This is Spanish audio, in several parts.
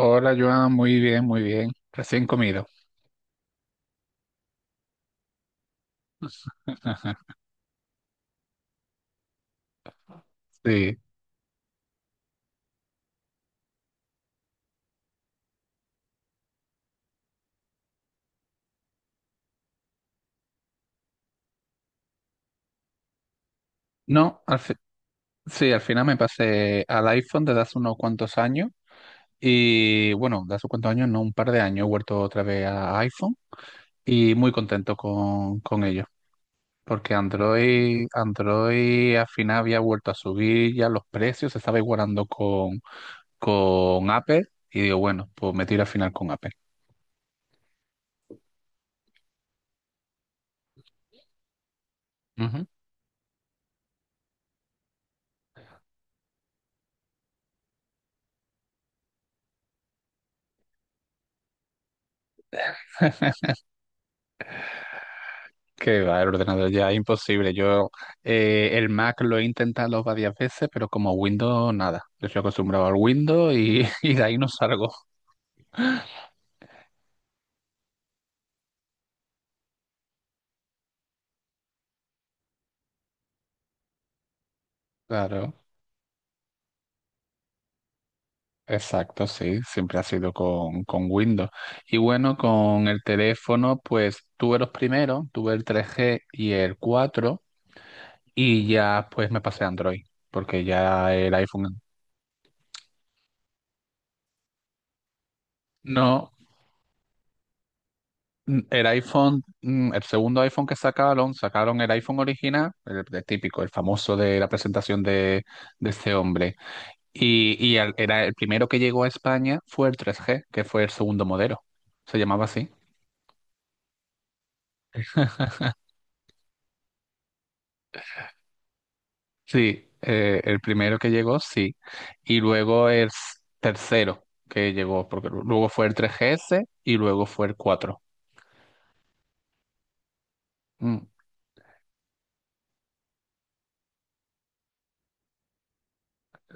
Hola, Joan, muy bien, muy bien. Recién comido. Sí. No, al fi- Sí, al final me pasé al iPhone desde hace unos cuantos años. Y bueno, de hace cuantos años, no, un par de años, he vuelto otra vez a iPhone y muy contento con ello. Porque Android, Android al final había vuelto a subir ya los precios, se estaba igualando con Apple. Y digo, bueno, pues me tiro al final con Apple. Ujú. Que va, el ordenador ya es imposible. Yo el Mac lo he intentado varias veces, pero como Windows nada. Yo estoy acostumbrado al Windows y, y de ahí no salgo. Claro, exacto, sí, siempre ha sido con Windows. Y bueno, con el teléfono, pues tuve los primeros, tuve el 3G y el 4, y ya pues me pasé a Android, porque ya el iPhone... No. El iPhone, el segundo iPhone que sacaron, sacaron el iPhone original, el típico, el famoso de la presentación de este hombre. Era el primero que llegó a España, fue el 3G, que fue el segundo modelo. Se llamaba así. Sí, el primero que llegó, sí. Y luego el tercero que llegó, porque luego fue el 3GS y luego fue el cuatro. Mm.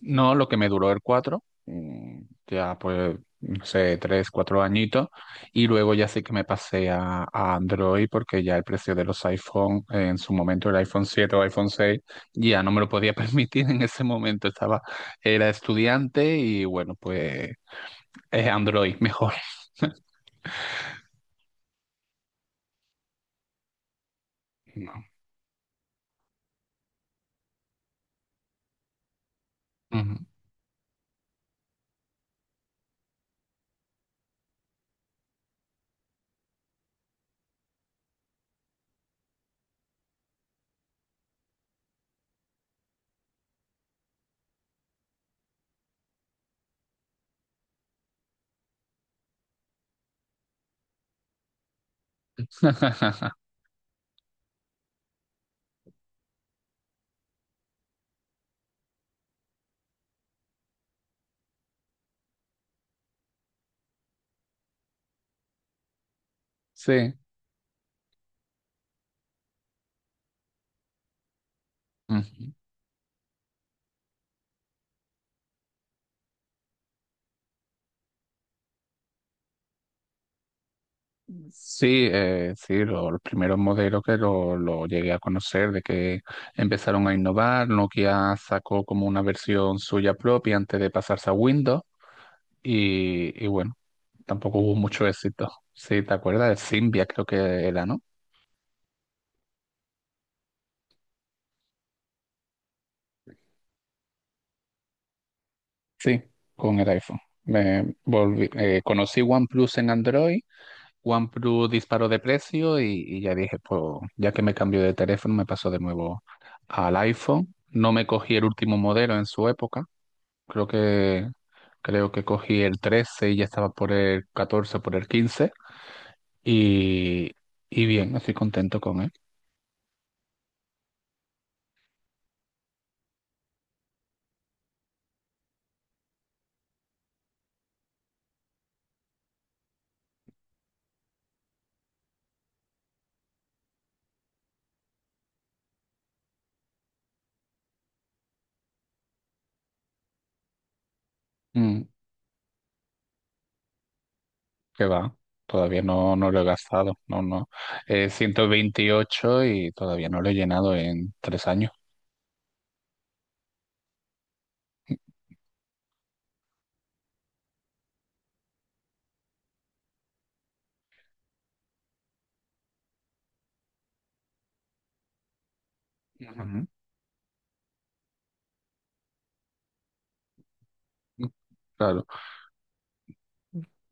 No, lo que me duró el cuatro, ya pues, no sé, 3 4 añitos, y luego ya sí que me pasé a Android, porque ya el precio de los iPhone, en su momento el iPhone 7 o iPhone 6 ya no me lo podía permitir en ese momento, estaba, era estudiante y bueno, pues es Android mejor. No. Ujú. Sí. Ujú. Sí, sí, lo, los primeros modelos que lo llegué a conocer, de que empezaron a innovar, Nokia sacó como una versión suya propia antes de pasarse a Windows y bueno, tampoco hubo mucho éxito. Sí, ¿te acuerdas? El Symbian creo que era, ¿no? Sí, con el iPhone. Me volví, conocí OnePlus en Android. OnePlus disparó de precio y ya dije, pues ya que me cambió de teléfono, me pasó de nuevo al iPhone. No me cogí el último modelo en su época. Creo que, creo que cogí el 13 y ya estaba por el 14, por el 15, y, y bien, estoy contento con él. Mm, que va, todavía no, no lo he gastado, no, no. 128 y todavía no lo he llenado en 3 años. Ujú. Claro,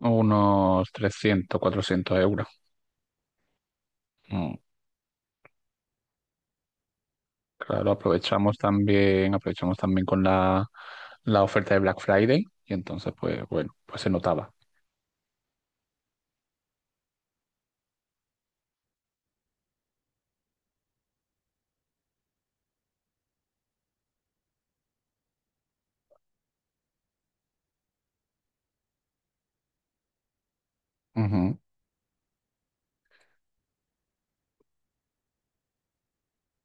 unos 300 400 euros. Mm, Claro, aprovechamos también con la oferta de Black Friday y entonces pues bueno, pues se notaba. Ujú.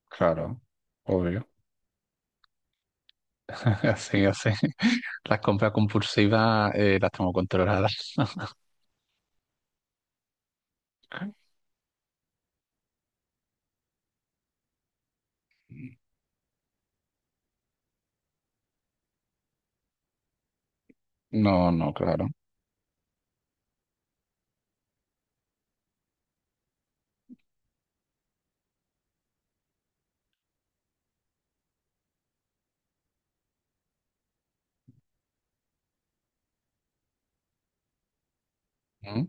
Claro, obvio. Así, así. Las compras compulsivas, las tengo controladas. No, no, claro. Mm.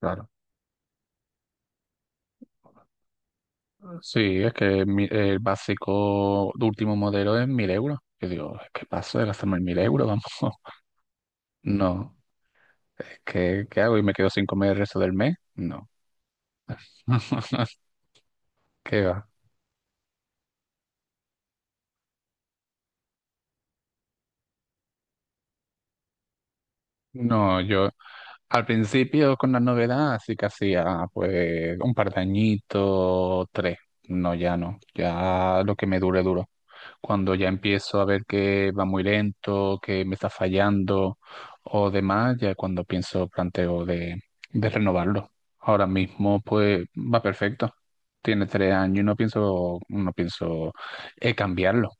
Claro. Sí, es que el básico de último modelo es 1.000 euros. Yo digo, ¿qué paso de gastarme 1.000 euros? Vamos. No. ¿Qué, qué hago? ¿Y me quedo sin comer el resto del mes? No. ¿Qué va? No, yo al principio, con la novedad, sí que hacía pues un par de añitos, tres. No, ya no, ya lo que me dure, duro. Cuando ya empiezo a ver que va muy lento, que me está fallando o demás, ya cuando pienso, planteo de renovarlo. Ahora mismo pues va perfecto. Tiene 3 años y no pienso, no pienso cambiarlo.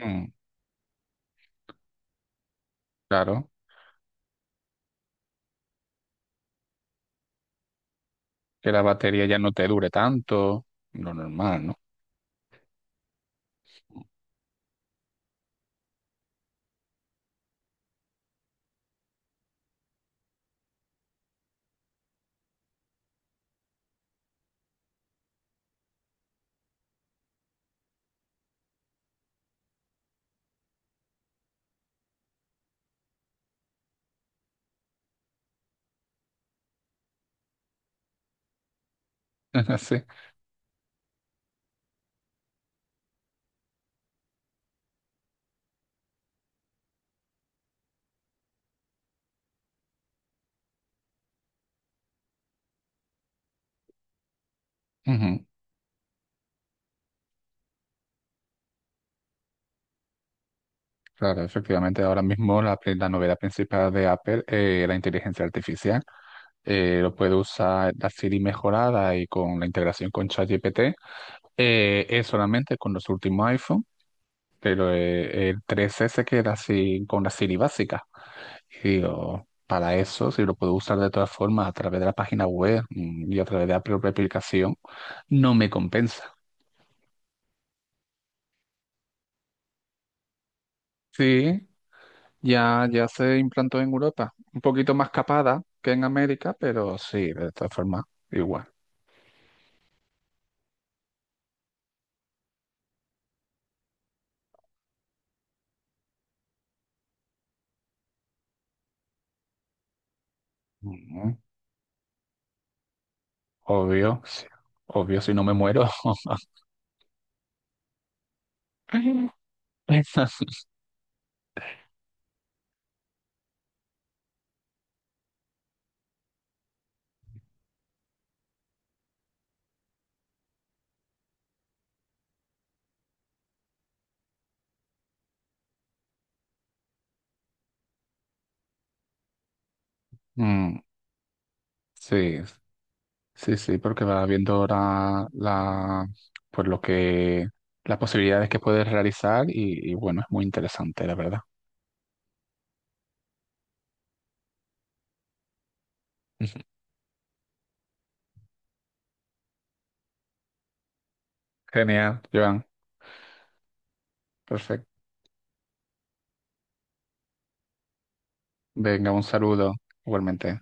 Mm, claro, que la batería ya no te dure tanto, lo normal, ¿no? Sí. Ujú. Claro, efectivamente, ahora mismo la novedad principal de Apple es la inteligencia artificial. Lo puede usar la Siri mejorada y con la integración con ChatGPT. Es solamente con los últimos iPhone, pero el 3S se queda así con la Siri básica. Y digo, para eso, si lo puedo usar de todas formas a través de la página web, y a través de la propia aplicación, no me compensa. Sí, ya, ya se implantó en Europa, un poquito más capada que en América, pero sí, de todas formas, igual. Ujú. Obvio, sí. Obvio, si no me muero. Mm, sí, sí, sí, porque va viendo ahora la, pues lo que, las posibilidades que puedes realizar y bueno, es muy interesante, la verdad. Genial, Joan, perfecto. Venga, un saludo, igualmente.